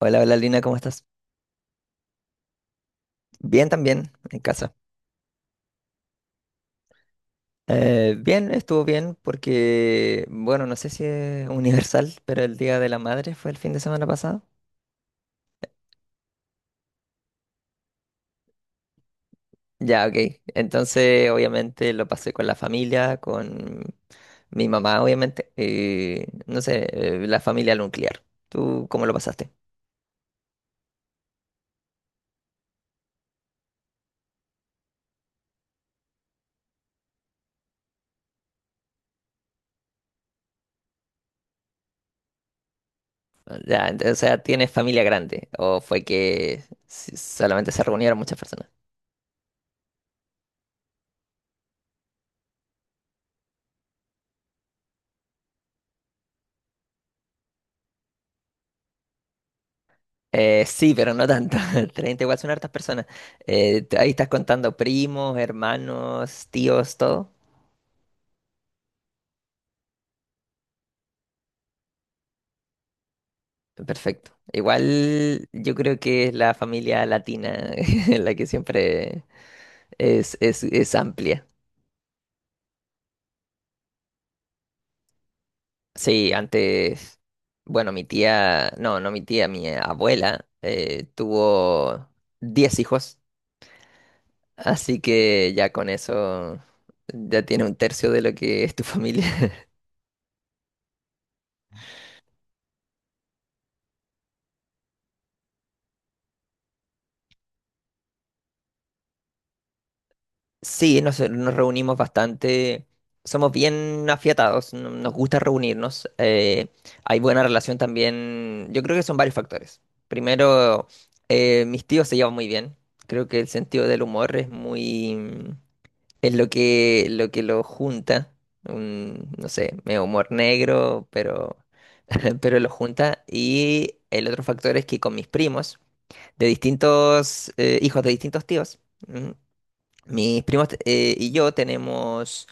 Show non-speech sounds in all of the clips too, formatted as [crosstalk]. Hola, hola Lina, ¿cómo estás? Bien también, en casa. Bien, estuvo bien porque, bueno, no sé si es universal, [laughs] pero el Día de la Madre fue el fin de semana pasado. Ya, ok. Entonces, obviamente lo pasé con la familia, con mi mamá, obviamente. Y, no sé, la familia nuclear. ¿Tú cómo lo pasaste? Ya, o sea, ¿tienes familia grande? ¿O fue que solamente se reunieron muchas personas? Sí, pero no tanto. [laughs] 30 igual son hartas personas. Ahí estás contando primos, hermanos, tíos, todo. Perfecto. Igual yo creo que es la familia latina [laughs] la que siempre es amplia. Sí, antes, bueno, mi tía, no, no mi tía, mi abuela tuvo 10 hijos, así que ya con eso ya tiene un tercio de lo que es tu [laughs] familia. Sí, nos reunimos bastante, somos bien afiatados, nos gusta reunirnos, hay buena relación también, yo creo que son varios factores. Primero, mis tíos se llevan muy bien, creo que el sentido del humor es es lo lo que lo junta, no sé, medio humor negro, pero, [laughs] pero lo junta. Y el otro factor es que con mis primos, de distintos, hijos de distintos tíos, mm, mis primos y yo tenemos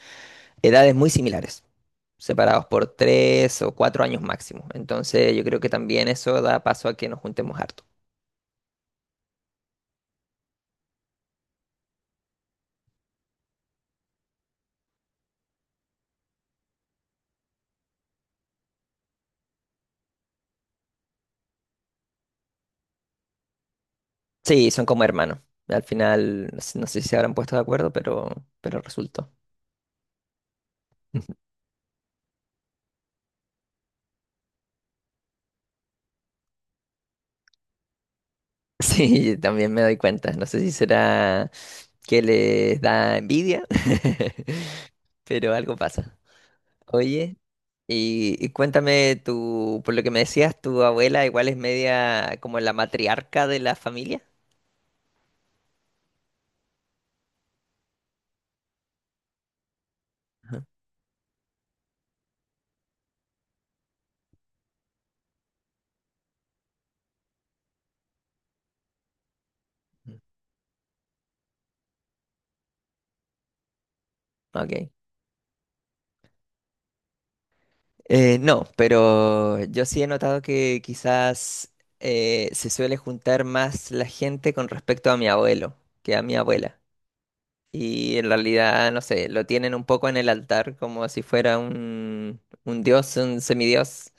edades muy similares, separados por tres o cuatro años máximo. Entonces yo creo que también eso da paso a que nos juntemos harto. Sí, son como hermanos. Al final, no sé si se habrán puesto de acuerdo, pero resultó. [laughs] Sí, también me doy cuenta. No sé si será que les da envidia, [laughs] pero algo pasa. Oye, y cuéntame, tú, por lo que me decías, tu abuela igual es media como la matriarca de la familia. Ok. No, pero yo sí he notado que quizás se suele juntar más la gente con respecto a mi abuelo que a mi abuela. Y en realidad, no sé, lo tienen un poco en el altar como si fuera un dios, un semidios.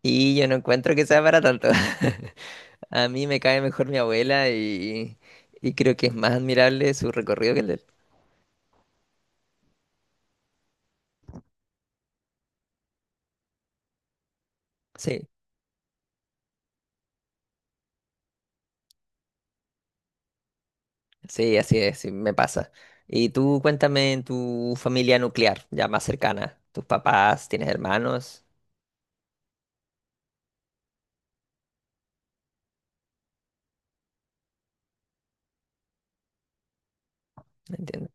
Y yo no encuentro que sea para tanto. [laughs] A mí me cae mejor mi abuela y creo que es más admirable su recorrido que el de él. Sí. Sí, así es, sí, me pasa. Y tú cuéntame en tu familia nuclear, ya más cercana, tus papás, tienes hermanos. No entiendo.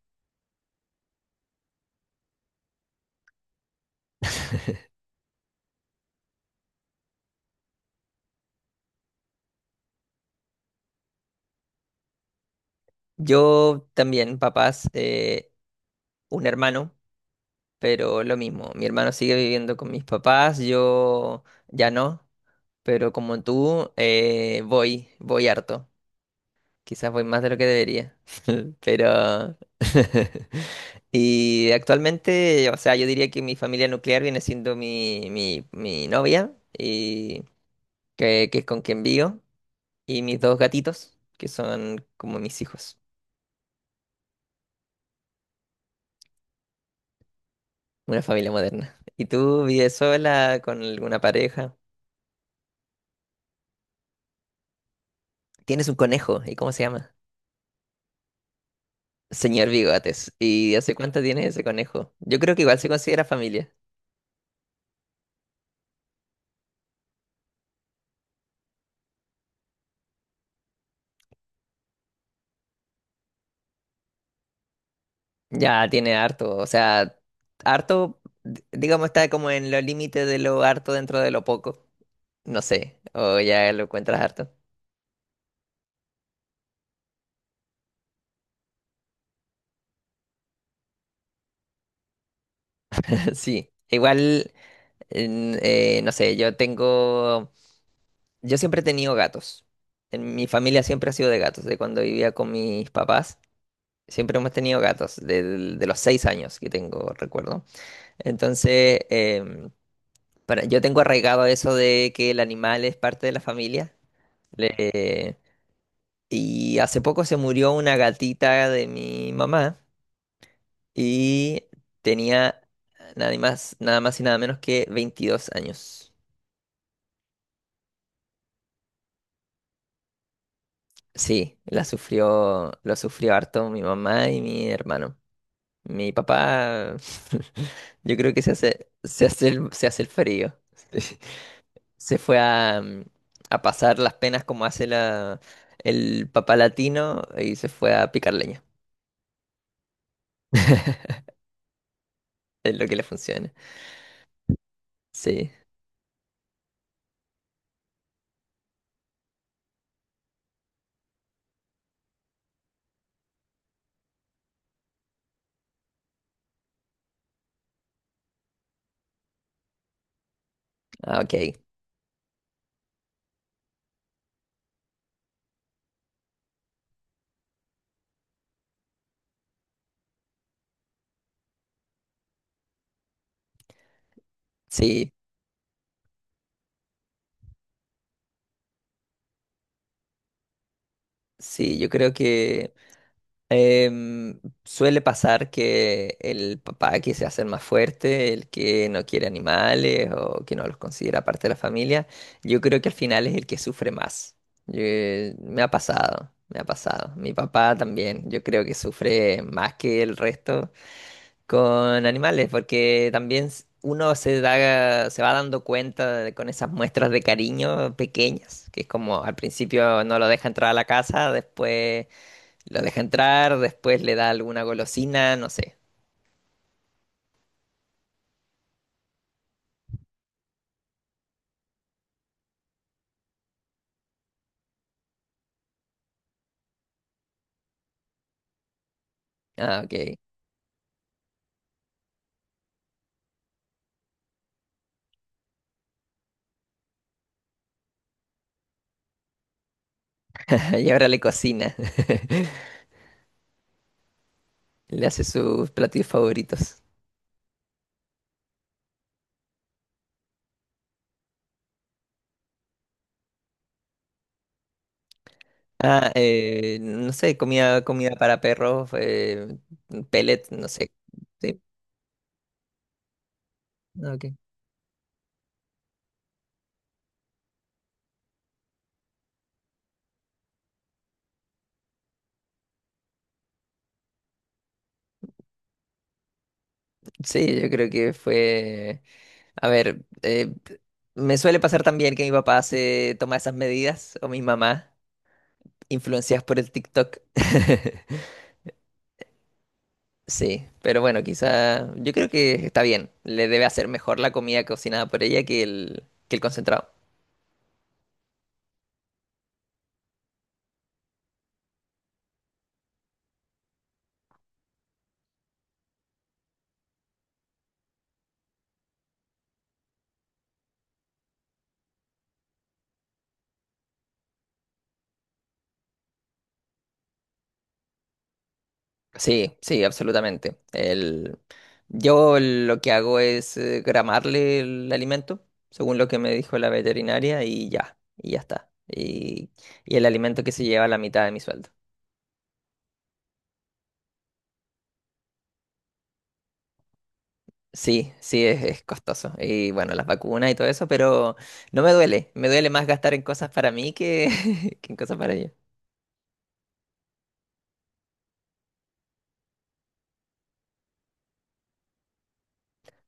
Yo también, papás, un hermano, pero lo mismo, mi hermano sigue viviendo con mis papás, yo ya no, pero como tú, voy harto. Quizás voy más de lo que debería, [laughs] pero... [laughs] Y actualmente, o sea, yo diría que mi familia nuclear viene siendo mi novia, y que es con quien vivo, y mis dos gatitos, que son como mis hijos, una familia moderna. ¿Y tú vives sola con alguna pareja? Tienes un conejo, ¿y cómo se llama? Señor Bigotes. ¿Y hace cuánto tienes ese conejo? Yo creo que igual se considera familia. Ya tiene harto, o sea, harto, digamos, está como en los límites de lo harto dentro de lo poco. No sé, o ya lo encuentras harto. [laughs] Sí, igual, no sé, yo siempre he tenido gatos. En mi familia siempre ha sido de gatos, de cuando vivía con mis papás. Siempre hemos tenido gatos, los 6 años que tengo, recuerdo. Entonces, yo tengo arraigado eso de que el animal es parte de la familia. Y hace poco se murió una gatita de mi mamá y tenía nada más y nada menos que 22 años. Sí, lo sufrió harto mi mamá y mi hermano. Mi papá, [laughs] yo creo que se hace el frío. [laughs] Se fue a pasar las penas como hace el papá latino y se fue a picar leña. [laughs] Es lo que le funciona. Sí. Ah, ok. Sí, Sí, yo creo que em, suele pasar que el papá que se hace el más fuerte, el que no quiere animales o que no los considera parte de la familia, yo creo que al final es el que sufre más. Yo- Me ha pasado, me ha pasado. Mi papá también, yo creo que sufre más que el resto con animales, porque también uno se da, se va dando cuenta con esas muestras de cariño pequeñas, que es como al principio no lo deja entrar a la casa, después lo deja entrar, después le da alguna golosina, no sé. Ah, ok. [laughs] Y ahora le cocina. [laughs] Le hace sus platillos favoritos. No sé, comida para perros, pellet, no sé. Sí, ah, ok. Sí, yo creo que fue... A ver, me suele pasar también que mi papá se toma esas medidas, o mi mamá, influenciadas por el TikTok. [laughs] Sí, pero bueno, quizá yo creo que está bien. Le debe hacer mejor la comida cocinada por ella que que el concentrado. Sí, sí, absolutamente. Yo lo que hago es gramarle el alimento, según lo que me dijo la veterinaria, y ya está. Y el alimento que se lleva la mitad de mi sueldo. Sí, es costoso. Y bueno, las vacunas y todo eso, pero no me duele. Me duele más gastar en cosas para mí que, [laughs] que en cosas para ella.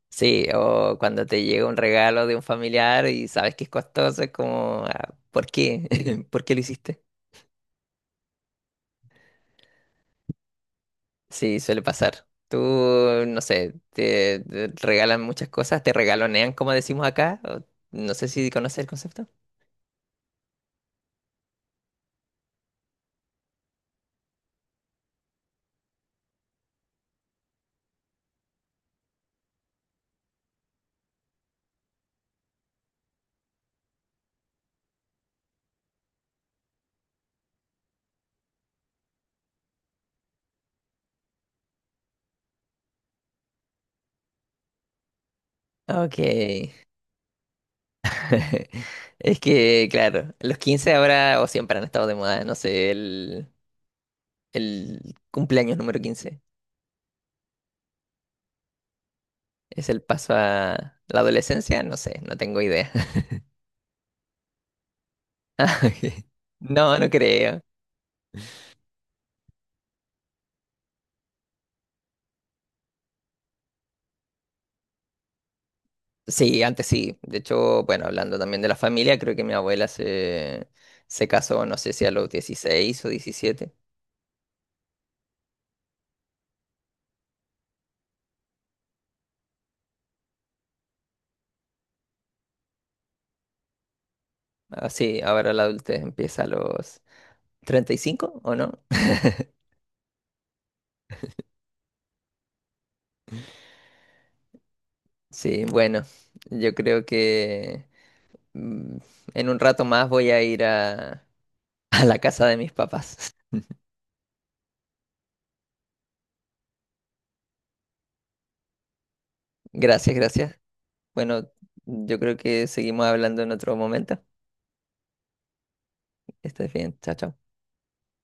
Sí, o cuando te llega un regalo de un familiar y sabes que es costoso, es como, ah, ¿por qué? [laughs] ¿Por qué lo hiciste? [laughs] Sí, suele pasar. Tú, no sé, te regalan muchas cosas, te regalonean, como decimos acá. No sé si conoces el concepto. Ok. [laughs] Es que, claro, los 15 ahora o siempre han estado de moda, no sé, el cumpleaños número quince. ¿Es el paso a la adolescencia? No sé, no tengo idea. [laughs] Ah, ok. No, no creo. Sí, antes sí. De hecho, bueno, hablando también de la familia, creo que se casó, no sé si a los dieciséis o diecisiete. Ah, sí, ahora la adultez empieza a los 35, ¿o no? Sí, bueno, yo creo que mm, en un rato más voy a ir a, [laughs] a la casa de mis papás. [laughs] Gracias, gracias. Bueno, yo creo que seguimos hablando en otro momento. Estás bien, chao, chao.